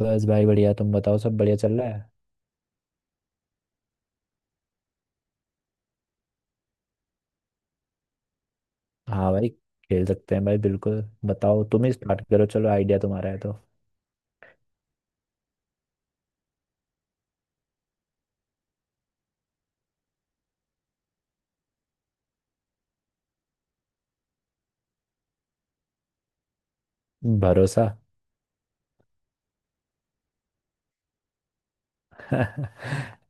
बस भाई बढ़िया। तुम बताओ सब बढ़िया चल रहा है। हाँ भाई, खेल सकते हैं भाई, बिल्कुल। बताओ, तुम ही स्टार्ट करो, चलो आइडिया तुम्हारा है तो। भरोसा।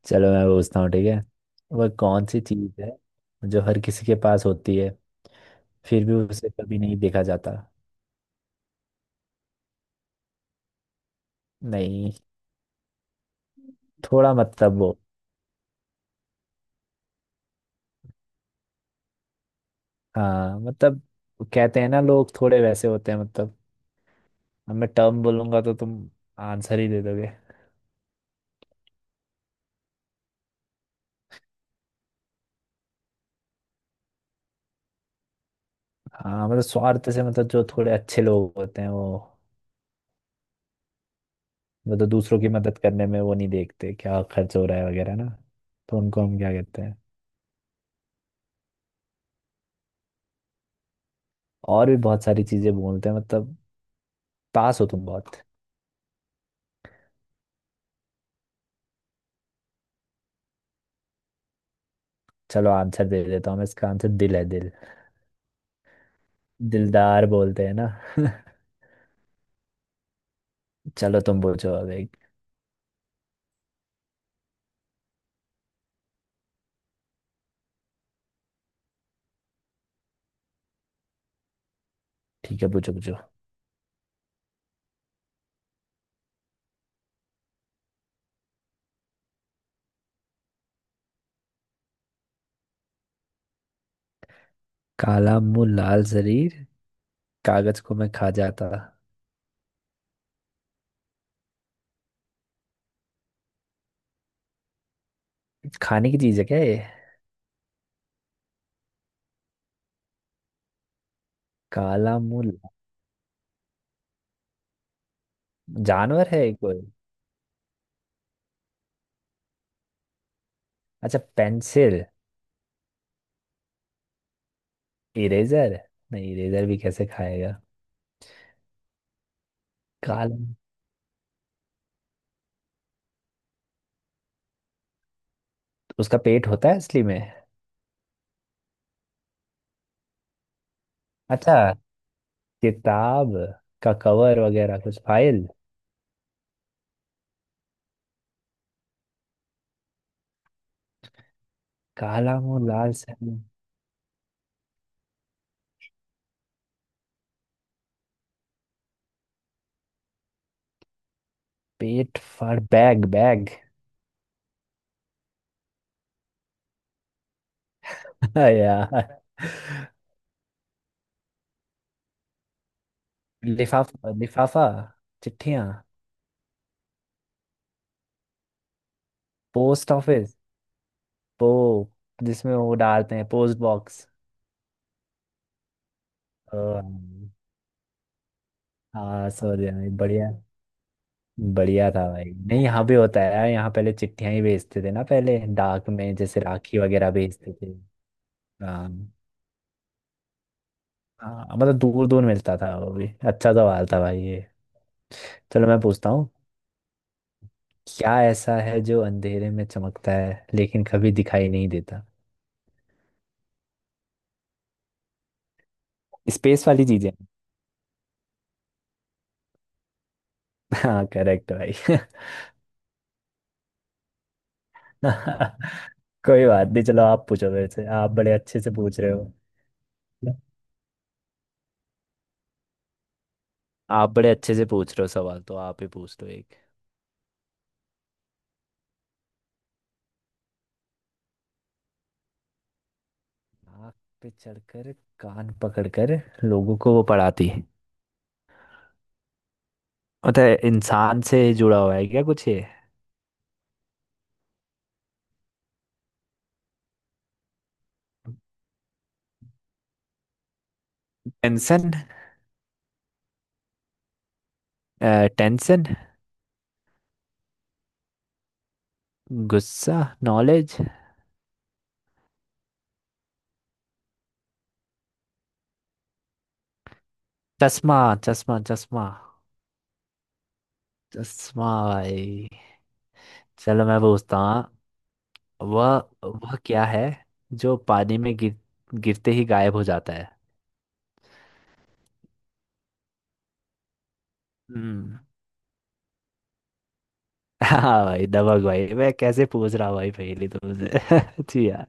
चलो मैं पूछता हूँ, ठीक है। वह कौन सी चीज़ है जो हर किसी के पास होती है फिर भी उसे कभी नहीं देखा जाता। नहीं। थोड़ा मतलब वो। हाँ मतलब, कहते हैं ना लोग थोड़े वैसे होते हैं, मतलब अब मैं टर्म बोलूंगा तो तुम आंसर ही दे दोगे। हाँ मतलब, स्वार्थ से मतलब जो थोड़े अच्छे लोग होते हैं वो तो दूसरों की मदद करने में वो नहीं देखते क्या खर्च हो रहा है वगैरह ना। तो उनको हम क्या कहते हैं। और भी बहुत सारी चीजें बोलते हैं मतलब, पास हो तुम बहुत। चलो आंसर दे देता हूँ मैं, इसका आंसर दिल है, दिल। दिलदार बोलते हैं ना। चलो तुम पूछो अब एक। ठीक है पूछो पूछो। काला मुंह लाल शरीर, कागज को मैं खा जाता। खाने की चीज है क्या ये। काला मुंह ला-। जानवर है ये कोई। अच्छा, पेंसिल। इरेजर। नहीं, इरेजर भी कैसे खाएगा। काला। उसका पेट होता है असली में। अच्छा, किताब का कवर वगैरह कुछ, फाइल। काला मुंह लाल सैनी। पेट फाड़, बैग बैग। यार, लिफाफा लिफाफा, चिट्ठियाँ। पोस्ट ऑफिस, पो, जिसमें वो डालते हैं, पोस्ट बॉक्स। हाँ सॉरी भाई, बढ़िया। बढ़िया था भाई। नहीं यहाँ भी होता है यार, यहाँ पहले चिट्ठियाँ ही भेजते थे ना, पहले डाक में जैसे राखी वगैरह भेजते थे। हाँ, हाँ मतलब दूर दूर मिलता था वो भी। अच्छा सवाल था भाई ये। चलो मैं पूछता हूँ। क्या ऐसा है जो अंधेरे में चमकता है लेकिन कभी दिखाई नहीं देता। स्पेस वाली चीजें। हाँ करेक्ट भाई। कोई बात नहीं, चलो आप पूछो, मेरे से आप बड़े अच्छे से पूछ रहे हो। आप बड़े अच्छे से पूछ रहे हो, सवाल तो आप ही पूछ लो एक। नाक पे चढ़कर कान पकड़कर लोगों को वो पढ़ाती है। मतलब इंसान से जुड़ा हुआ है क्या कुछ ये। टेंशन। टेंशन। गुस्सा। नॉलेज। चश्मा। चश्मा, चश्मा चश्मा भाई। चलो मैं पूछता हूँ। वह वह क्या है जो पानी में गिर, गिरते ही गायब हो जाता है। हम्म। हाँ भाई दबंग भाई मैं कैसे पूछ रहा हूँ भाई, पहले तुमसे। जी यार।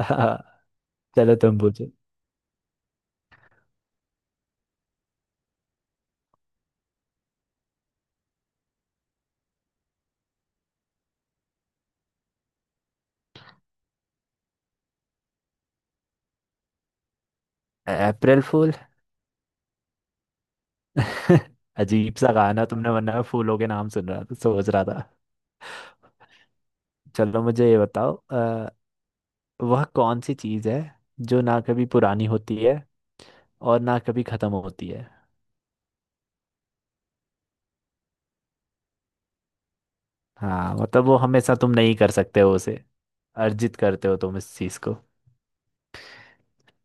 हाँ। चलो तुम पूछो। अप्रैल फूल। अजीब सा कहा ना तुमने, वरना मैं फूलों के नाम सुन रहा था, सोच रहा था। चलो मुझे ये बताओ, वह कौन सी चीज़ है जो ना कभी पुरानी होती है और ना कभी खत्म होती है। हाँ मतलब वो हमेशा, तुम नहीं कर सकते हो उसे, अर्जित करते हो तुम इस चीज को।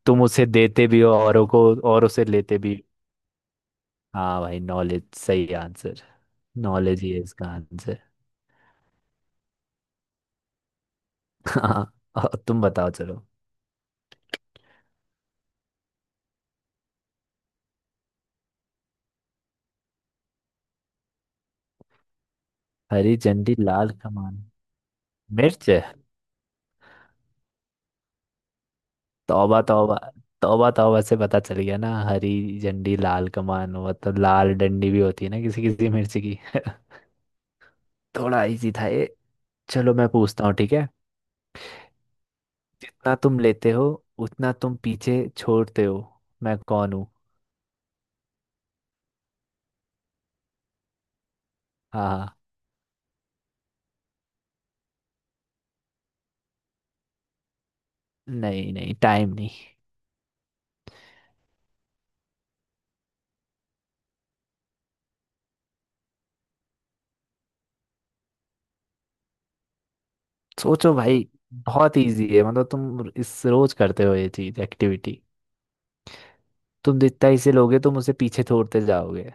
तुम उसे देते भी हो औरों को और उसे लेते भी हो। हाँ भाई, नॉलेज सही आंसर। नॉलेज ही है इसका आंसर। हाँ, और तुम बताओ चलो। हरी झंडी लाल कमान, मिर्च। तौबा तौबा, तौबा तौबा से पता चल गया ना। हरी झंडी लाल कमान मतलब, लाल डंडी भी होती है ना किसी किसी मिर्च की। थोड़ा इजी था ये। चलो मैं पूछता हूँ, ठीक है। जितना तुम लेते हो उतना तुम पीछे छोड़ते हो, मैं कौन हूँ। हाँ हाँ। नहीं नहीं, टाइम नहीं। सोचो भाई, बहुत इजी है। मतलब तुम इस रोज करते हो ये चीज, एक्टिविटी। तुम जितना इसे लोगे तुम उसे पीछे छोड़ते जाओगे।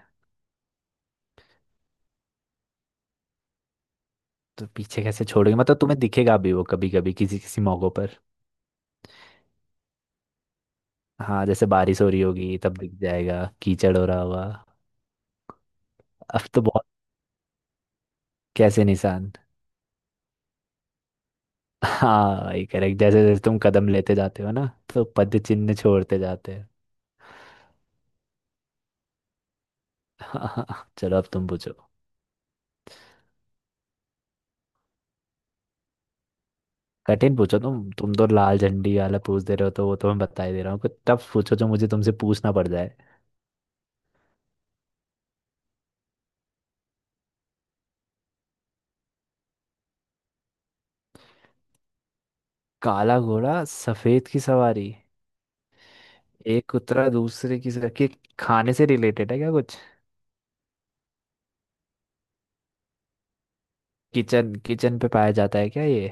तो पीछे कैसे छोड़ोगे मतलब, तुम्हें दिखेगा भी वो कभी कभी, किसी किसी मौकों पर। हाँ जैसे बारिश हो रही होगी तब दिख जाएगा, कीचड़ हो रहा होगा। अब तो बहुत। कैसे निशान। हाँ भाई करेक्ट, जैसे जैसे तुम कदम लेते जाते हो ना तो पद चिन्ह छोड़ते जाते। चलो अब तुम पूछो। कठिन पूछो, तुम तो लाल झंडी वाला पूछ दे रहे हो तो वो तो मैं बता ही दे रहा हूँ। कुछ तब पूछो जो मुझे तुमसे पूछना पड़ जाए। काला घोड़ा सफेद की सवारी, एक उतरा दूसरे की सर कि, खाने से रिलेटेड है क्या कुछ। किचन, किचन पे पाया जाता है क्या ये।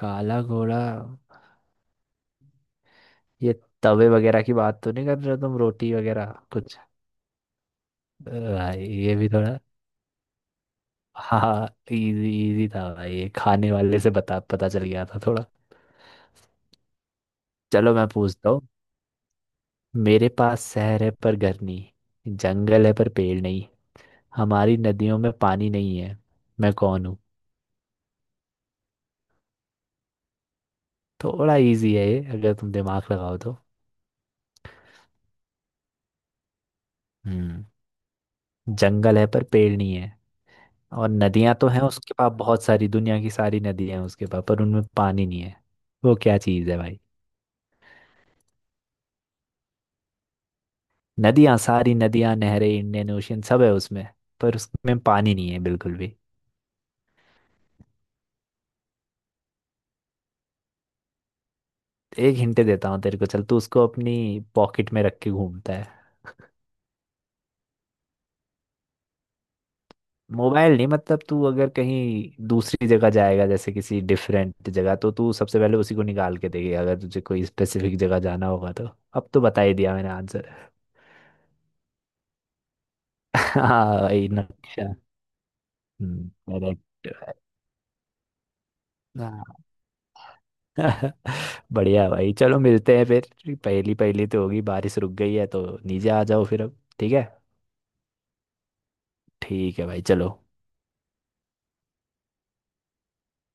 काला घोड़ा, ये तवे वगैरह की बात तो नहीं कर रहे हो तुम, रोटी वगैरह कुछ। भाई ये भी थोड़ा। हाँ, इजी इजी था भाई ये, खाने वाले से बता, पता चल गया था थोड़ा। चलो मैं पूछता हूँ। मेरे पास शहर है पर घर नहीं, जंगल है पर पेड़ नहीं, हमारी नदियों में पानी नहीं है, मैं कौन हूँ। थोड़ा इजी है ये अगर तुम दिमाग लगाओ तो। हम्म, जंगल है पर पेड़ नहीं है, और नदियां तो हैं उसके पास, बहुत सारी दुनिया की सारी नदियां हैं उसके पास, पर उनमें पानी नहीं है। वो क्या चीज़ है भाई। नदियां, सारी नदियां, नहरें, इंडियन ओशियन सब है उसमें, पर उसमें पानी नहीं है बिल्कुल भी। एक हिंट देता हूँ तेरे को, चल, तू उसको अपनी पॉकेट में रख के घूमता है। मोबाइल नहीं, मतलब तू अगर कहीं दूसरी जगह जाएगा, जैसे किसी डिफरेंट जगह, तो तू सबसे पहले उसी को निकाल के देगी अगर तुझे कोई स्पेसिफिक जगह जाना होगा तो। अब तो बता ही दिया मैंने आंसर। हाँ भाई, नक्शा। करेक्ट। हाँ। बढ़िया भाई, चलो मिलते हैं फिर। पहली पहली तो होगी बारिश, रुक गई है तो नीचे आ जाओ फिर अब, ठीक है। ठीक है भाई, चलो।